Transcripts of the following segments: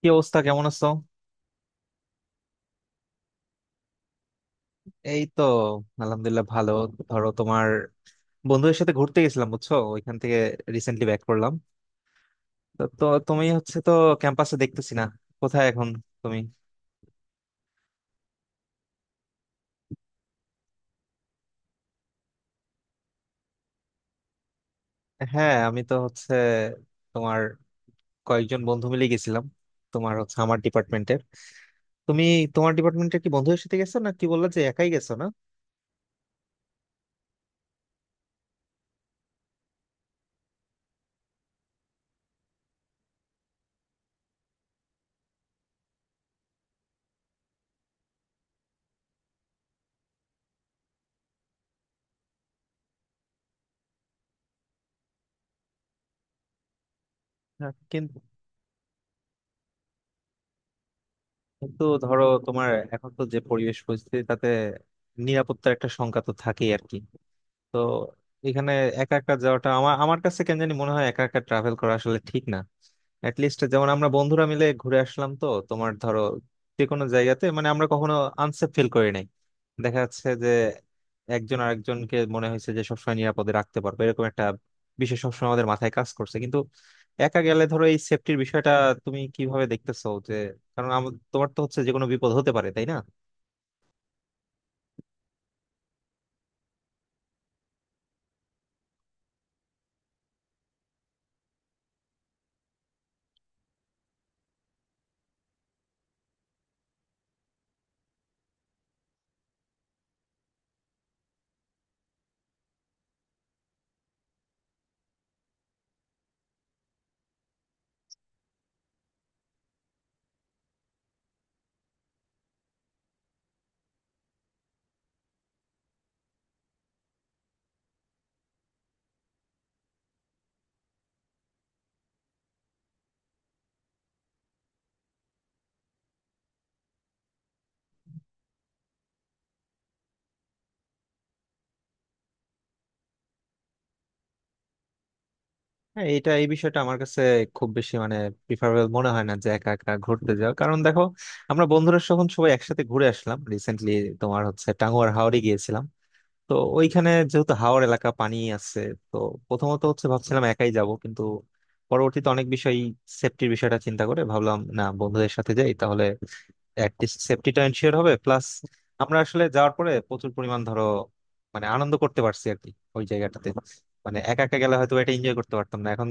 কি অবস্থা? কেমন আছো? এই তো আলহামদুলিল্লাহ ভালো। ধরো, তোমার বন্ধুদের সাথে ঘুরতে গেছিলাম, বুঝছো, ওইখান থেকে রিসেন্টলি ব্যাক করলাম। তো তো তুমি হচ্ছে তো ক্যাম্পাসে দেখতেছি না, কোথায় এখন তুমি? হ্যাঁ, আমি তো হচ্ছে তোমার কয়েকজন বন্ধু মিলে গেছিলাম। তোমার হচ্ছে আমার ডিপার্টমেন্টের। তুমি তোমার ডিপার্টমেন্টের কি বন্ধুদের সাথে গেছো, না কি বললা যে একাই গেছো না? হ্যাঁ, কিন্তু কিন্তু ধরো তোমার এখন তো যে পরিবেশ পরিস্থিতি, তাতে নিরাপত্তার একটা শঙ্কা তো থাকেই আর কি। তো এখানে একা একা যাওয়াটা আমার আমার কাছে কেন জানি মনে হয় একা একা ট্রাভেল করা আসলে ঠিক না। অ্যাটলিস্ট যেমন আমরা বন্ধুরা মিলে ঘুরে আসলাম তো, তোমার ধরো যে কোনো জায়গাতে মানে আমরা কখনো আনসেফ ফিল করি নাই। দেখা যাচ্ছে যে একজন আরেকজনকে মনে হয়েছে যে সবসময় নিরাপদে রাখতে পারবে, এরকম একটা বিষয় সবসময় আমাদের মাথায় কাজ করছে। কিন্তু একা গেলে ধরো এই সেফটির বিষয়টা তুমি কিভাবে দেখতেছো? যে কারণ আমার তোমার তো হচ্ছে যে কোনো বিপদ হতে পারে, তাই না? হ্যাঁ, এটা এই বিষয়টা আমার কাছে খুব বেশি মানে প্রিফারেবল মনে হয় না যে একা একা ঘুরতে যাওয়া। কারণ দেখো, আমরা বন্ধুরা যখন সবাই একসাথে ঘুরে আসলাম রিসেন্টলি, তোমার হচ্ছে টাঙ্গুয়ার হাওরে গিয়েছিলাম। তো ওইখানে যেহেতু হাওর এলাকা, পানি আছে, তো প্রথমত হচ্ছে ভাবছিলাম একাই যাব, কিন্তু পরবর্তীতে অনেক বিষয়, সেফটির বিষয়টা চিন্তা করে ভাবলাম না, বন্ধুদের সাথে যাই তাহলে অ্যাটলিস্ট সেফটিটা এনশিওর হবে। প্লাস আমরা আসলে যাওয়ার পরে প্রচুর পরিমাণ ধরো মানে আনন্দ করতে পারছি আর কি ওই জায়গাটাতে। মানে একা একা গেলে হয়তো এটা এনজয় করতে পারতাম না। এখন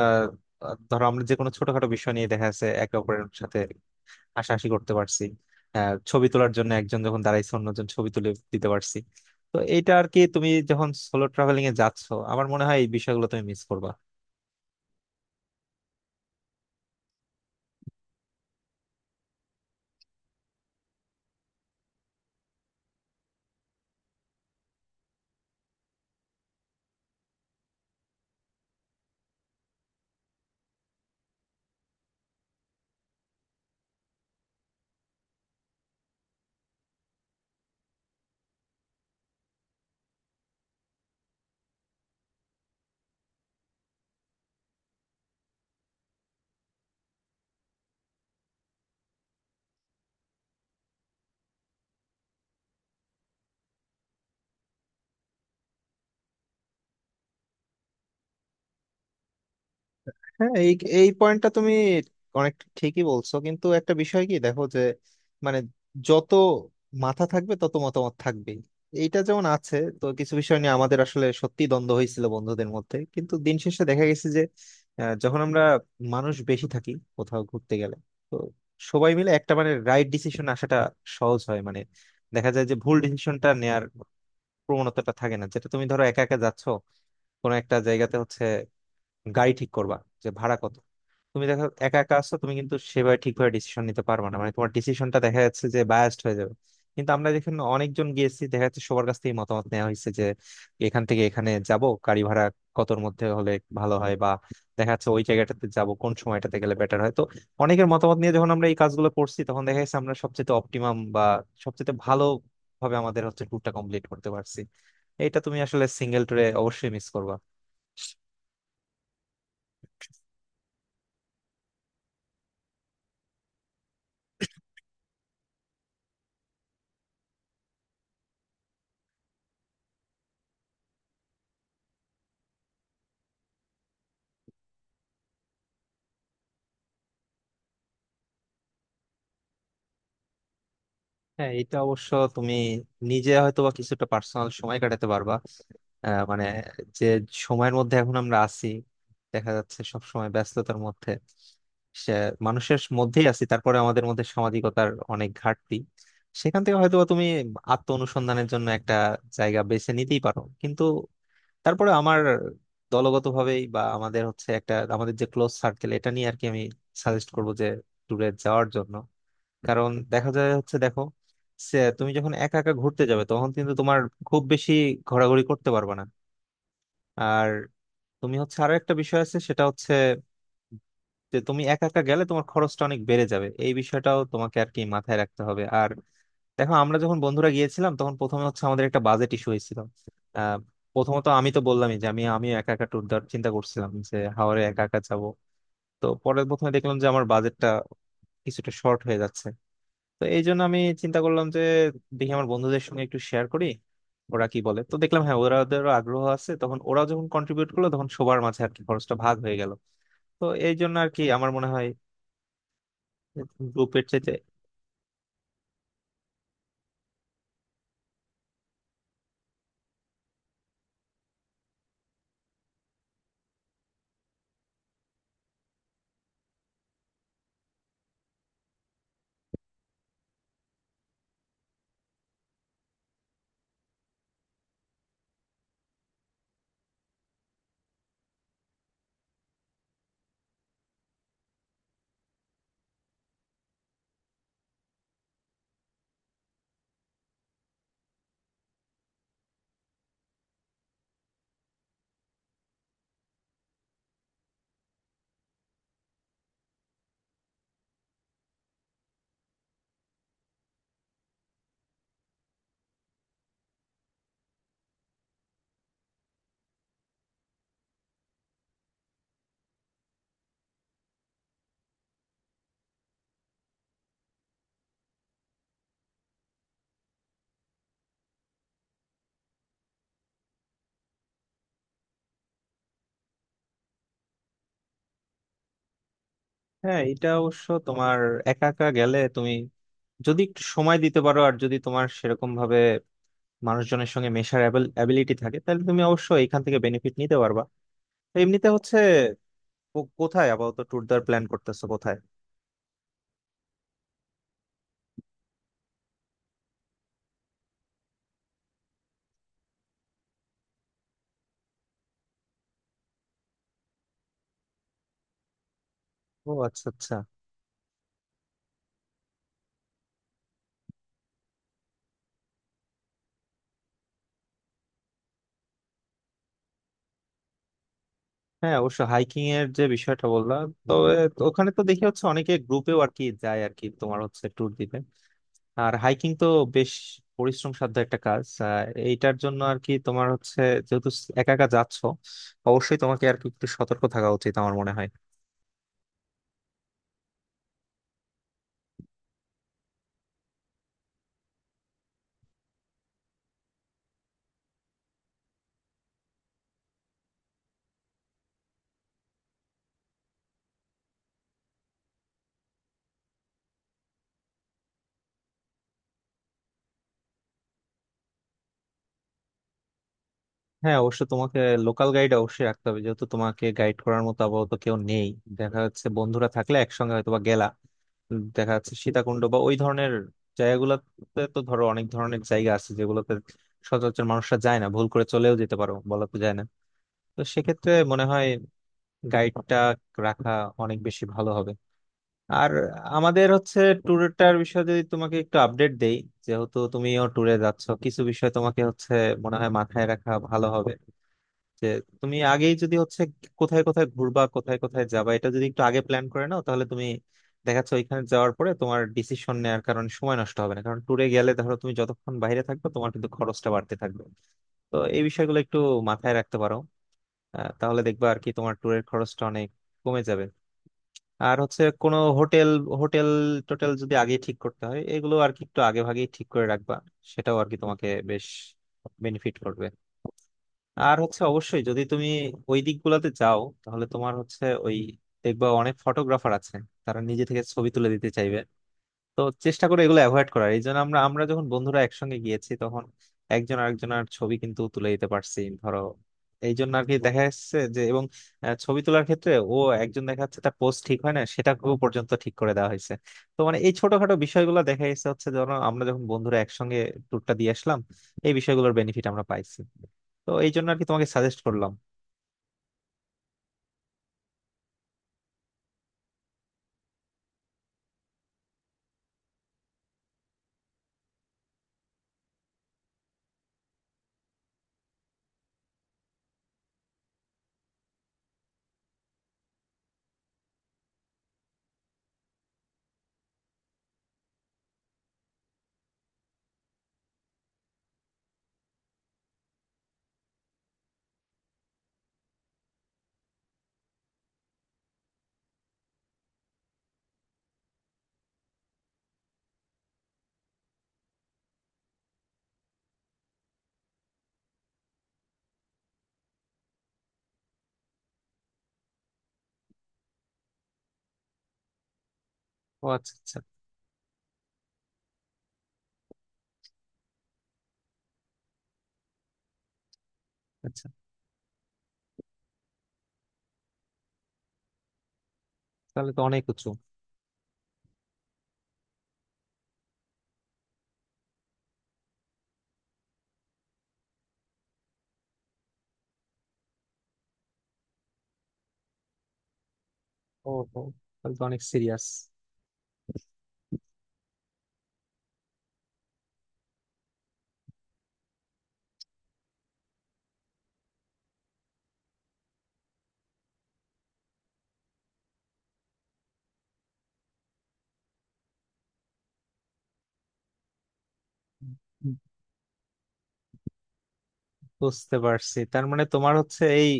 ধরো আমরা যে কোনো ছোটখাটো বিষয় নিয়ে দেখা যাচ্ছে একে অপরের সাথে হাসাহাসি করতে পারছি। ছবি তোলার জন্য একজন যখন দাঁড়াইছে, অন্যজন ছবি তুলে দিতে পারছি। তো এইটা আর কি, তুমি যখন সোলো ট্রাভেলিং এ যাচ্ছ, আমার মনে হয় এই বিষয়গুলো তুমি মিস করবা। হ্যাঁ, এই এই পয়েন্টটা তুমি অনেক ঠিকই বলছো, কিন্তু একটা বিষয় কি দেখো যে মানে যত মাথা থাকবে তত মতামত থাকবেই। এইটা যেমন আছে, তো কিছু বিষয় নিয়ে আমাদের আসলে সত্যি দ্বন্দ্ব হয়েছিল বন্ধুদের মধ্যে, কিন্তু দিন শেষে দেখা গেছে যে যখন আমরা মানুষ বেশি থাকি কোথাও ঘুরতে গেলে, তো সবাই মিলে একটা মানে রাইট ডিসিশন আসাটা সহজ হয়। মানে দেখা যায় যে ভুল ডিসিশনটা নেয়ার প্রবণতাটা থাকে না। যেটা তুমি ধরো একা একা যাচ্ছ কোনো একটা জায়গাতে, হচ্ছে গাড়ি ঠিক করবা যে ভাড়া কত, তুমি দেখো একা একা আছো, তুমি কিন্তু সেভাবে ঠিকভাবে ডিসিশন নিতে পারবে না। মানে তোমার ডিসিশনটা দেখা যাচ্ছে যে বায়াসড হয়ে যাবে। কিন্তু আমরা যেখানে অনেকজন গিয়েছি দেখা যাচ্ছে সবার কাছ থেকে মতামত নেওয়া হয়েছে যে এখান থেকে এখানে যাব, গাড়ি ভাড়া কতর মধ্যে হলে ভালো হয়, বা দেখা যাচ্ছে ওই জায়গাটাতে যাব কোন সময়টাতে গেলে বেটার হয়। তো অনেকের মতামত নিয়ে যখন আমরা এই কাজগুলো করছি, তখন দেখা যাচ্ছে আমরা সবচেয়ে অপটিমাম বা সবচেয়ে ভালো ভাবে আমাদের হচ্ছে ট্যুরটা কমপ্লিট করতে পারছি। এটা তুমি আসলে সিঙ্গেল ট্যুরে অবশ্যই মিস করবা। হ্যাঁ, এটা অবশ্য তুমি নিজে হয়তো বা কিছুটা পার্সোনাল সময় কাটাতে পারবা। মানে যে সময়ের মধ্যে এখন আমরা আছি, দেখা যাচ্ছে সব সময় ব্যস্ততার মধ্যে, সে মানুষের মধ্যেই আছি, তারপরে আমাদের মধ্যে সামাজিকতার অনেক ঘাটতি। সেখান থেকে হয়তোবা তুমি আত্ম অনুসন্ধানের জন্য একটা জায়গা বেছে নিতেই পারো, কিন্তু তারপরে আমার দলগতভাবেই বা আমাদের হচ্ছে একটা, আমাদের যে ক্লোজ সার্কেল এটা নিয়ে আর কি, আমি সাজেস্ট করবো যে ট্যুরে যাওয়ার জন্য। কারণ দেখা যায় হচ্ছে, দেখো, সে তুমি যখন একা একা ঘুরতে যাবে তখন কিন্তু তোমার খুব বেশি ঘোরাঘুরি করতে পারবে না। আর তুমি হচ্ছে আরো একটা বিষয় আছে, সেটা হচ্ছে যে তুমি একা একা গেলে তোমার খরচটা অনেক বেড়ে যাবে, এই বিষয়টাও তোমাকে আর কি মাথায় রাখতে হবে। আর দেখো, আমরা যখন বন্ধুরা গিয়েছিলাম তখন প্রথমে হচ্ছে আমাদের একটা বাজেট ইস্যু হয়েছিল। আহ প্রথমত আমি তো বললামই যে আমি আমি একা একা ট্যুর দেওয়ার চিন্তা করছিলাম, যে হাওড়ে একা একা যাবো। তো পরে প্রথমে দেখলাম যে আমার বাজেটটা কিছুটা শর্ট হয়ে যাচ্ছে। তো এই জন্য আমি চিন্তা করলাম যে দেখি আমার বন্ধুদের সঙ্গে একটু শেয়ার করি ওরা কি বলে। তো দেখলাম হ্যাঁ, ওরা ওদেরও আগ্রহ আছে। তখন ওরাও যখন কন্ট্রিবিউট করলো তখন সবার মাঝে আর কি খরচটা ভাগ হয়ে গেল। তো এই জন্য আর কি আমার মনে হয় গ্রুপের চাইতে। হ্যাঁ, এটা অবশ্য তোমার, একা একা গেলে তুমি যদি একটু সময় দিতে পারো আর যদি তোমার সেরকম ভাবে মানুষজনের সঙ্গে মেশার অ্যাবিলিটি থাকে তাহলে তুমি অবশ্যই এখান থেকে বেনিফিট নিতে পারবা। তো এমনিতে হচ্ছে কোথায় আপাতত ট্যুর দেওয়ার প্ল্যান করতেছো, কোথায়? ও আচ্ছা, আচ্ছা। হ্যাঁ, অবশ্য হাইকিং এর যে বিষয়টা বললাম, তবে ওখানে তো দেখি হচ্ছে অনেকে গ্রুপেও আর কি যায় আর কি, তোমার হচ্ছে ট্যুর দিতে। আর হাইকিং তো বেশ পরিশ্রম সাধ্য একটা কাজ। এইটার জন্য আর কি তোমার হচ্ছে যেহেতু একা একা যাচ্ছ, অবশ্যই তোমাকে আর কি একটু সতর্ক থাকা উচিত আমার মনে হয়। হ্যাঁ, অবশ্য তোমাকে লোকাল গাইড অবশ্যই রাখতে হবে, যেহেতু তোমাকে গাইড করার মতো আপাতত কেউ নেই। দেখা যাচ্ছে বন্ধুরা থাকলে একসঙ্গে হয়তো বা গেলা। দেখা যাচ্ছে সীতাকুণ্ড বা ওই ধরনের জায়গাগুলোতে তো ধরো অনেক ধরনের জায়গা আছে যেগুলোতে সচরাচর মানুষরা যায় না, ভুল করে চলেও যেতে পারো, বলা তো যায় না। তো সেক্ষেত্রে মনে হয় গাইডটা রাখা অনেক বেশি ভালো হবে। আর আমাদের হচ্ছে ট্যুরটার বিষয়ে যদি তোমাকে একটু আপডেট দেই, যেহেতু তুমিও ট্যুরে যাচ্ছ, কিছু বিষয় তোমাকে হচ্ছে মনে হয় মাথায় রাখা ভালো হবে। যে তুমি আগেই যদি হচ্ছে কোথায় কোথায় ঘুরবা, কোথায় কোথায় যাবা, এটা যদি একটু আগে প্ল্যান করে নাও তাহলে তুমি দেখাচ্ছে ওইখানে যাওয়ার পরে তোমার ডিসিশন নেওয়ার কারণে সময় নষ্ট হবে না। কারণ ট্যুরে গেলে ধরো তুমি যতক্ষণ বাইরে থাকবে তোমার কিন্তু খরচটা বাড়তে থাকবে। তো এই বিষয়গুলো একটু মাথায় রাখতে পারো। তাহলে দেখবা আর কি তোমার ট্যুরের খরচটা অনেক কমে যাবে। আর হচ্ছে কোনো হোটেল, হোটেল টোটেল যদি আগে ঠিক করতে হয় এগুলো আর কি একটু আগে ভাগেই ঠিক করে রাখবা, সেটাও আর কি তোমাকে বেশ বেনিফিট করবে। আর হচ্ছে অবশ্যই যদি তুমি ওই দিকগুলোতে যাও তাহলে তোমার হচ্ছে ওই, দেখবা অনেক ফটোগ্রাফার আছে, তারা নিজে থেকে ছবি তুলে দিতে চাইবে। তো চেষ্টা করে এগুলো অ্যাভয়েড করার। এই জন্য আমরা আমরা যখন বন্ধুরা একসঙ্গে গিয়েছি তখন একজন আরেকজনের ছবি কিন্তু তুলে দিতে পারছি ধরো, এই জন্য আর কি দেখা যাচ্ছে যে এবং ছবি তোলার ক্ষেত্রে ও একজন দেখা যাচ্ছে তার পোস্ট ঠিক হয় না, সেটা ও পর্যন্ত ঠিক করে দেওয়া হয়েছে। তো মানে এই ছোটখাটো বিষয়গুলো দেখা যাচ্ছে হচ্ছে ধরো আমরা যখন বন্ধুরা একসঙ্গে ট্যুরটা দিয়ে আসলাম, এই বিষয়গুলোর বেনিফিট আমরা পাইছি। তো এই জন্য আর কি তোমাকে সাজেস্ট করলাম। ও আচ্ছা, আচ্ছা। আচ্ছা, তাহলে তো অনেক উঁচু। ও হো, তাহলে তো অনেক সিরিয়াস। বুঝতে পারছি, তার মানে তোমার হচ্ছে এই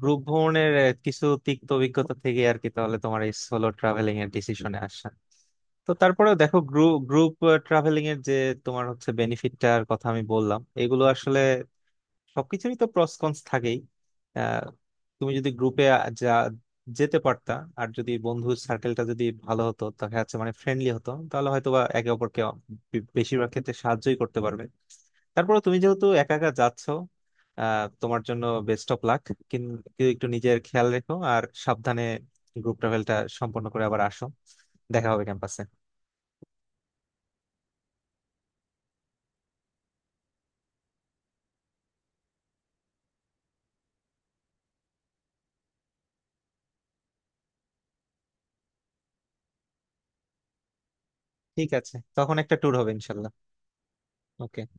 গ্রুপ ভ্রমণের কিছু তিক্ত অভিজ্ঞতা থেকে আর কি তাহলে তোমার এই সোলো ট্রাভেলিং এর ডিসিশনে আসা। তো তারপরেও দেখো গ্রুপ গ্রুপ ট্রাভেলিং এর যে তোমার হচ্ছে বেনিফিটটার কথা আমি বললাম, এগুলো আসলে সবকিছুরই তো প্রস কনস থাকেই। আহ, তুমি যদি গ্রুপে যা যেতে পারতা আর যদি বন্ধু সার্কেলটা যদি ভালো হতো, দেখা যাচ্ছে মানে ফ্রেন্ডলি হতো, তাহলে হয়তোবা একে অপরকে বেশিরভাগ ক্ষেত্রে সাহায্যই করতে পারবে। তারপরে তুমি যেহেতু একা একা যাচ্ছ, আহ, তোমার জন্য বেস্ট অফ লাক। কিন্তু একটু নিজের খেয়াল রেখো আর সাবধানে গ্রুপ ট্রাভেলটা সম্পন্ন করে আবার আসো। দেখা হবে ক্যাম্পাসে। ঠিক আছে, তখন একটা ট্যুর হবে ইনশাল্লাহ। ওকে।